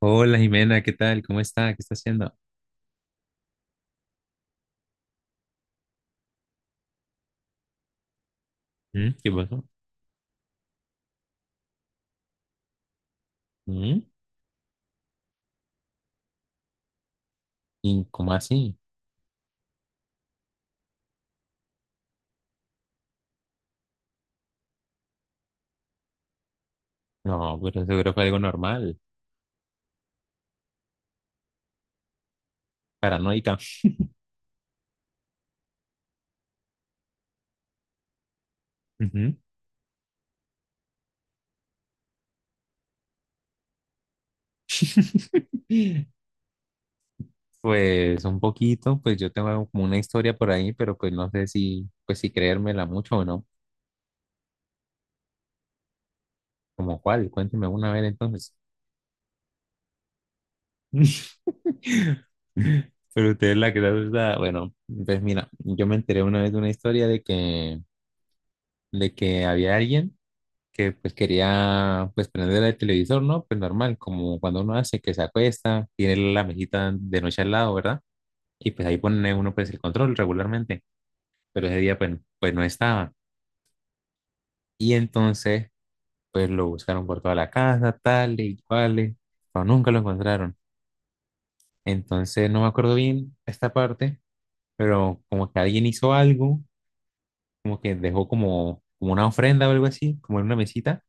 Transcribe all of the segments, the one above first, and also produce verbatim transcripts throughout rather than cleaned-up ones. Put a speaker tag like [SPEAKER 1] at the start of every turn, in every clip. [SPEAKER 1] Hola Jimena, ¿qué tal? ¿Cómo está? ¿Qué está haciendo? ¿Mm? ¿Qué pasó? ¿Mm? ¿Y cómo así? No, pero seguro fue algo normal, paranoica. Ujú. Pues un poquito, pues yo tengo como una historia por ahí, pero pues no sé si, pues si creérmela mucho o no. ¿Como cuál? Cuénteme una vez entonces. Pero usted es la que está, bueno, pues mira, yo me enteré una vez de una historia de que, de que había alguien que pues quería pues prender el televisor, ¿no? Pues normal, como cuando uno hace que se acuesta, tiene la mesita de noche al lado, ¿verdad? Y pues ahí pone uno pues el control regularmente, pero ese día pues, pues no estaba. Y entonces pues lo buscaron por toda la casa, tal y cual, pero nunca lo encontraron. Entonces no me acuerdo bien esta parte, pero como que alguien hizo algo, como que dejó como, como una ofrenda o algo así, como en una mesita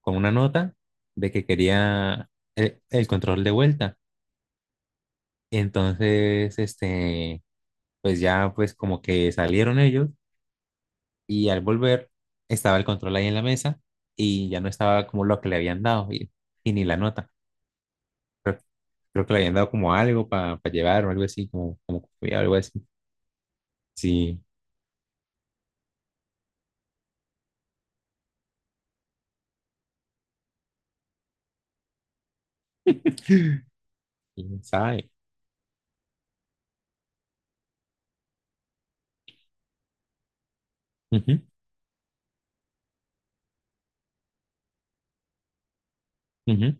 [SPEAKER 1] con una nota de que quería el, el control de vuelta. Entonces, este, pues ya pues como que salieron ellos y al volver estaba el control ahí en la mesa y ya no estaba como lo que le habían dado y, y ni la nota. Creo, creo que le habían dado como algo para llevar o algo así, como, como algo así. Sí, quién sabe. Ujú, ujú,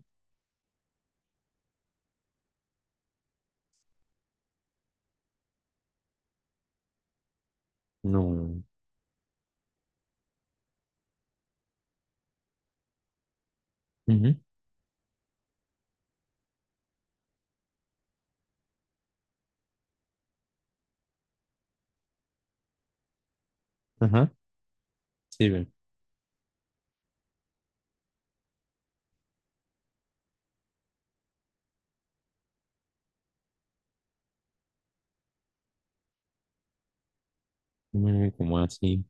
[SPEAKER 1] no, ujú, ajá, sí, ve, mm, como así,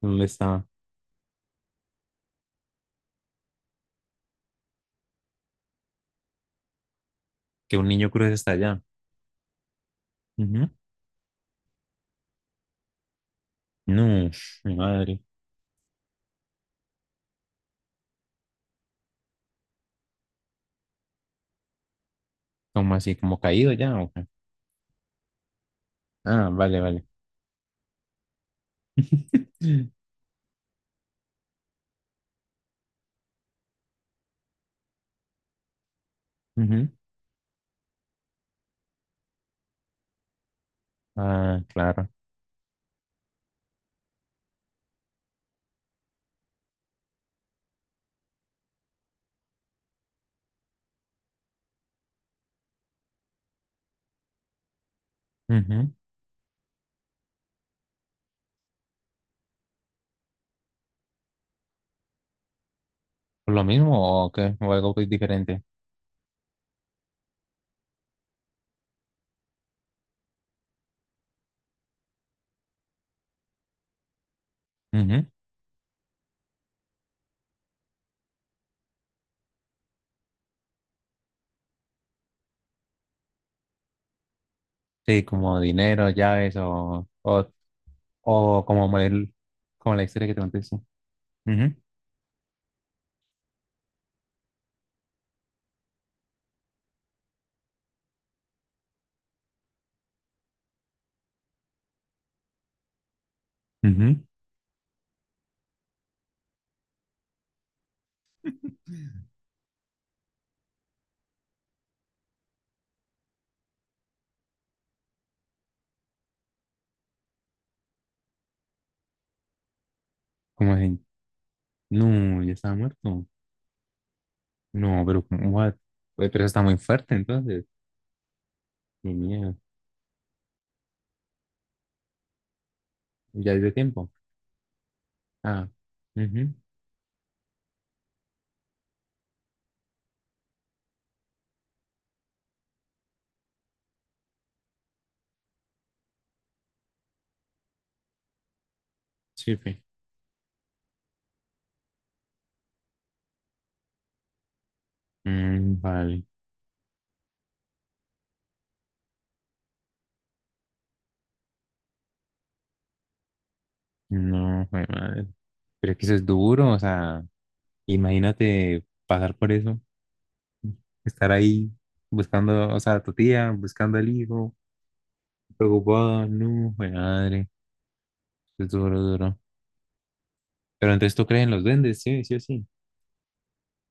[SPEAKER 1] ¿dónde estaba? Que un niño cruce hasta allá. No, mi madre. ¿Cómo así? ¿Como caído ya? ¿O qué? Ah, vale, vale. Ujú. Ah, claro. Ujú. ¿Por ¿Lo mismo o qué? ¿O algo muy diferente? Ujú. Sí, como dinero, llaves o, o, o como, mo- el- como la historia que te conté. Sí. Ujú. Ujú. Como así? No, ya estaba muerto. No, pero ¿cómo what? Pues, pero está muy fuerte entonces. Mi miedo. Ya es de tiempo. Ah. Ujú. Sí, pues. Mm, vale. No, fue madre. Pero es que eso es duro, o sea, imagínate pasar por eso, estar ahí buscando, o sea, a tu tía, buscando al hijo, preocupado, no, jue madre, es duro, duro. Pero entonces tú crees en los duendes, sí, sí o sí.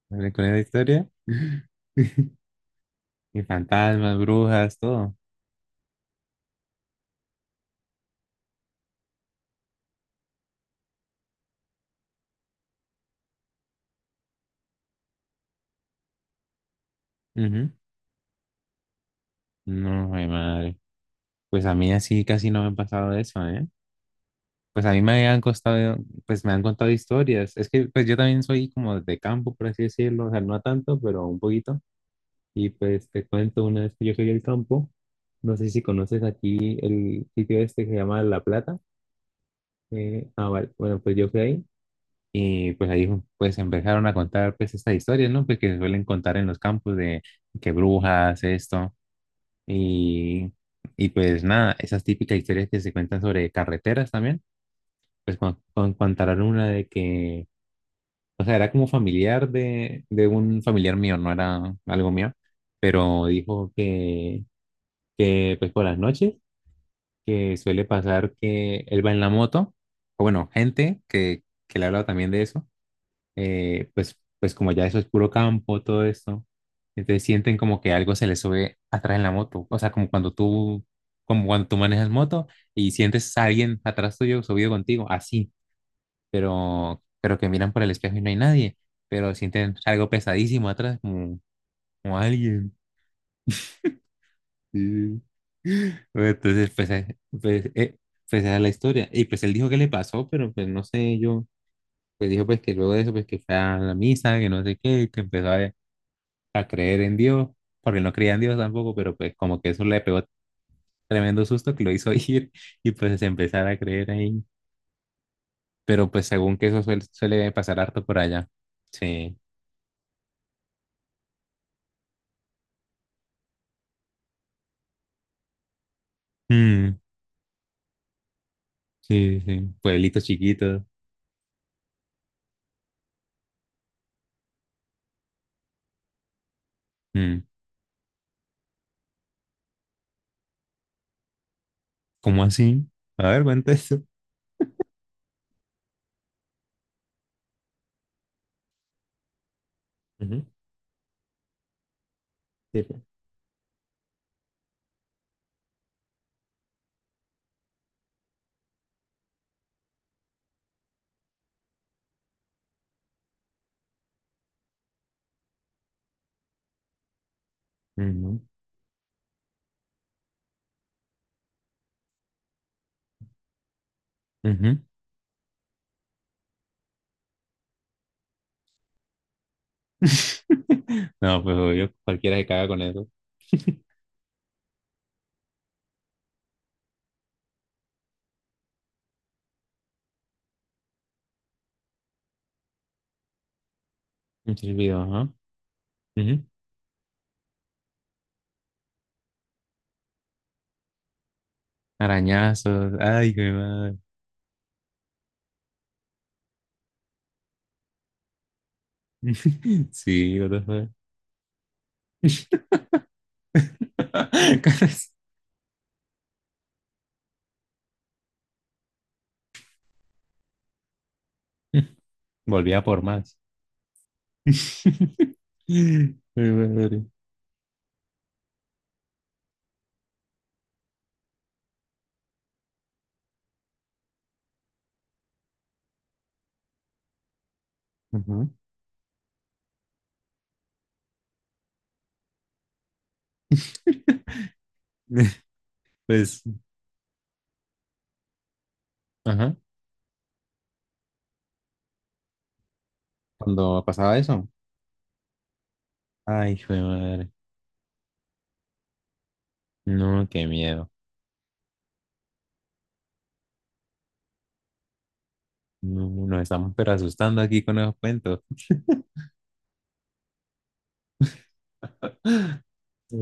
[SPEAKER 1] ¿Vale? Con esa historia, y fantasmas, brujas, todo. Ujú. No, jue madre. Pues a mí así casi no me ha pasado eso, ¿eh? Pues a mí me han costado, pues me han contado historias. Es que pues yo también soy como de campo, por así decirlo, o sea, no tanto, pero un poquito. Y pues te cuento, una vez que yo fui al campo, no sé si conoces aquí el sitio este que se llama La Plata. Eh, ah, vale. Bueno, pues yo fui ahí y pues ahí pues empezaron a contar pues estas historias, ¿no? Pues que se suelen contar en los campos de que brujas, esto. Y, y pues nada, esas típicas historias que se cuentan sobre carreteras también, pues con, con- contaron una de que, o sea, era como familiar de, de un familiar mío, no era algo mío, pero dijo que que pues por las noches, que suele pasar que él va en la moto, o bueno, gente que, que le ha hablado también de eso, eh, pues, pues como ya eso es puro campo, todo esto, entonces sienten como que algo se les sube atrás en la moto, o sea, como cuando tú, como cuando tú manejas moto y sientes a alguien atrás tuyo subido contigo, así, pero, pero que miran por el espejo y no hay nadie, pero sienten algo pesadísimo atrás, como, como alguien. Sí. Bueno, entonces, pues, eh, pues, eh, pues, esa es la historia. Y pues él dijo que le pasó, pero pues no sé, yo, pues dijo pues que luego de eso, pues que fue a la misa, que no sé qué, que empezó a, a creer en Dios, porque él no creía en Dios tampoco, pero pues como que eso le pegó tremendo susto que lo hizo ir y pues empezar a creer ahí. Pero pues según que eso suele, suele pasar harto por allá. Sí. Mm, sí, sí. Pueblitos chiquitos. Mm. ¿Cómo así? A ver, cuenta eso. Ujú. Sí, pues. Ujú. Ujú. No, pues obvio, cualquiera se caga con eso. Muchos videos, ¿no? Ujú. Arañazos, ay, qué madre. Sí, what the fuck. Caras. Volvía por más. Ay, madre. Ujú. Pues, ajá, cuando pasaba eso, ay, hijo de madre, no, qué miedo. No, nos estamos pero asustando aquí con esos cuentos. Sí.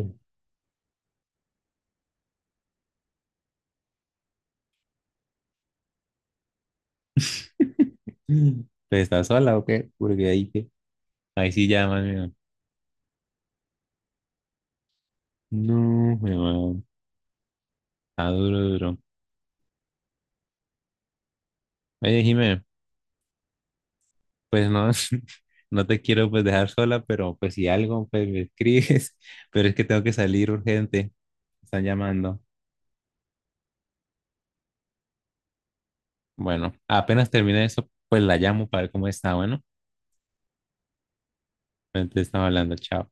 [SPEAKER 1] ¿Pues estás sola o qué? Porque ahí que ahí sí ya, más bien. No, weón. Está duro, duro. Oye, Jimé, pues no, no te quiero pues dejar sola, pero pues si algo, pues me escribes. Pero es que tengo que salir urgente. Me Están llamando. Bueno, apenas termine eso, pues la llamo para ver cómo está. Bueno, entonces estamos hablando. Chao.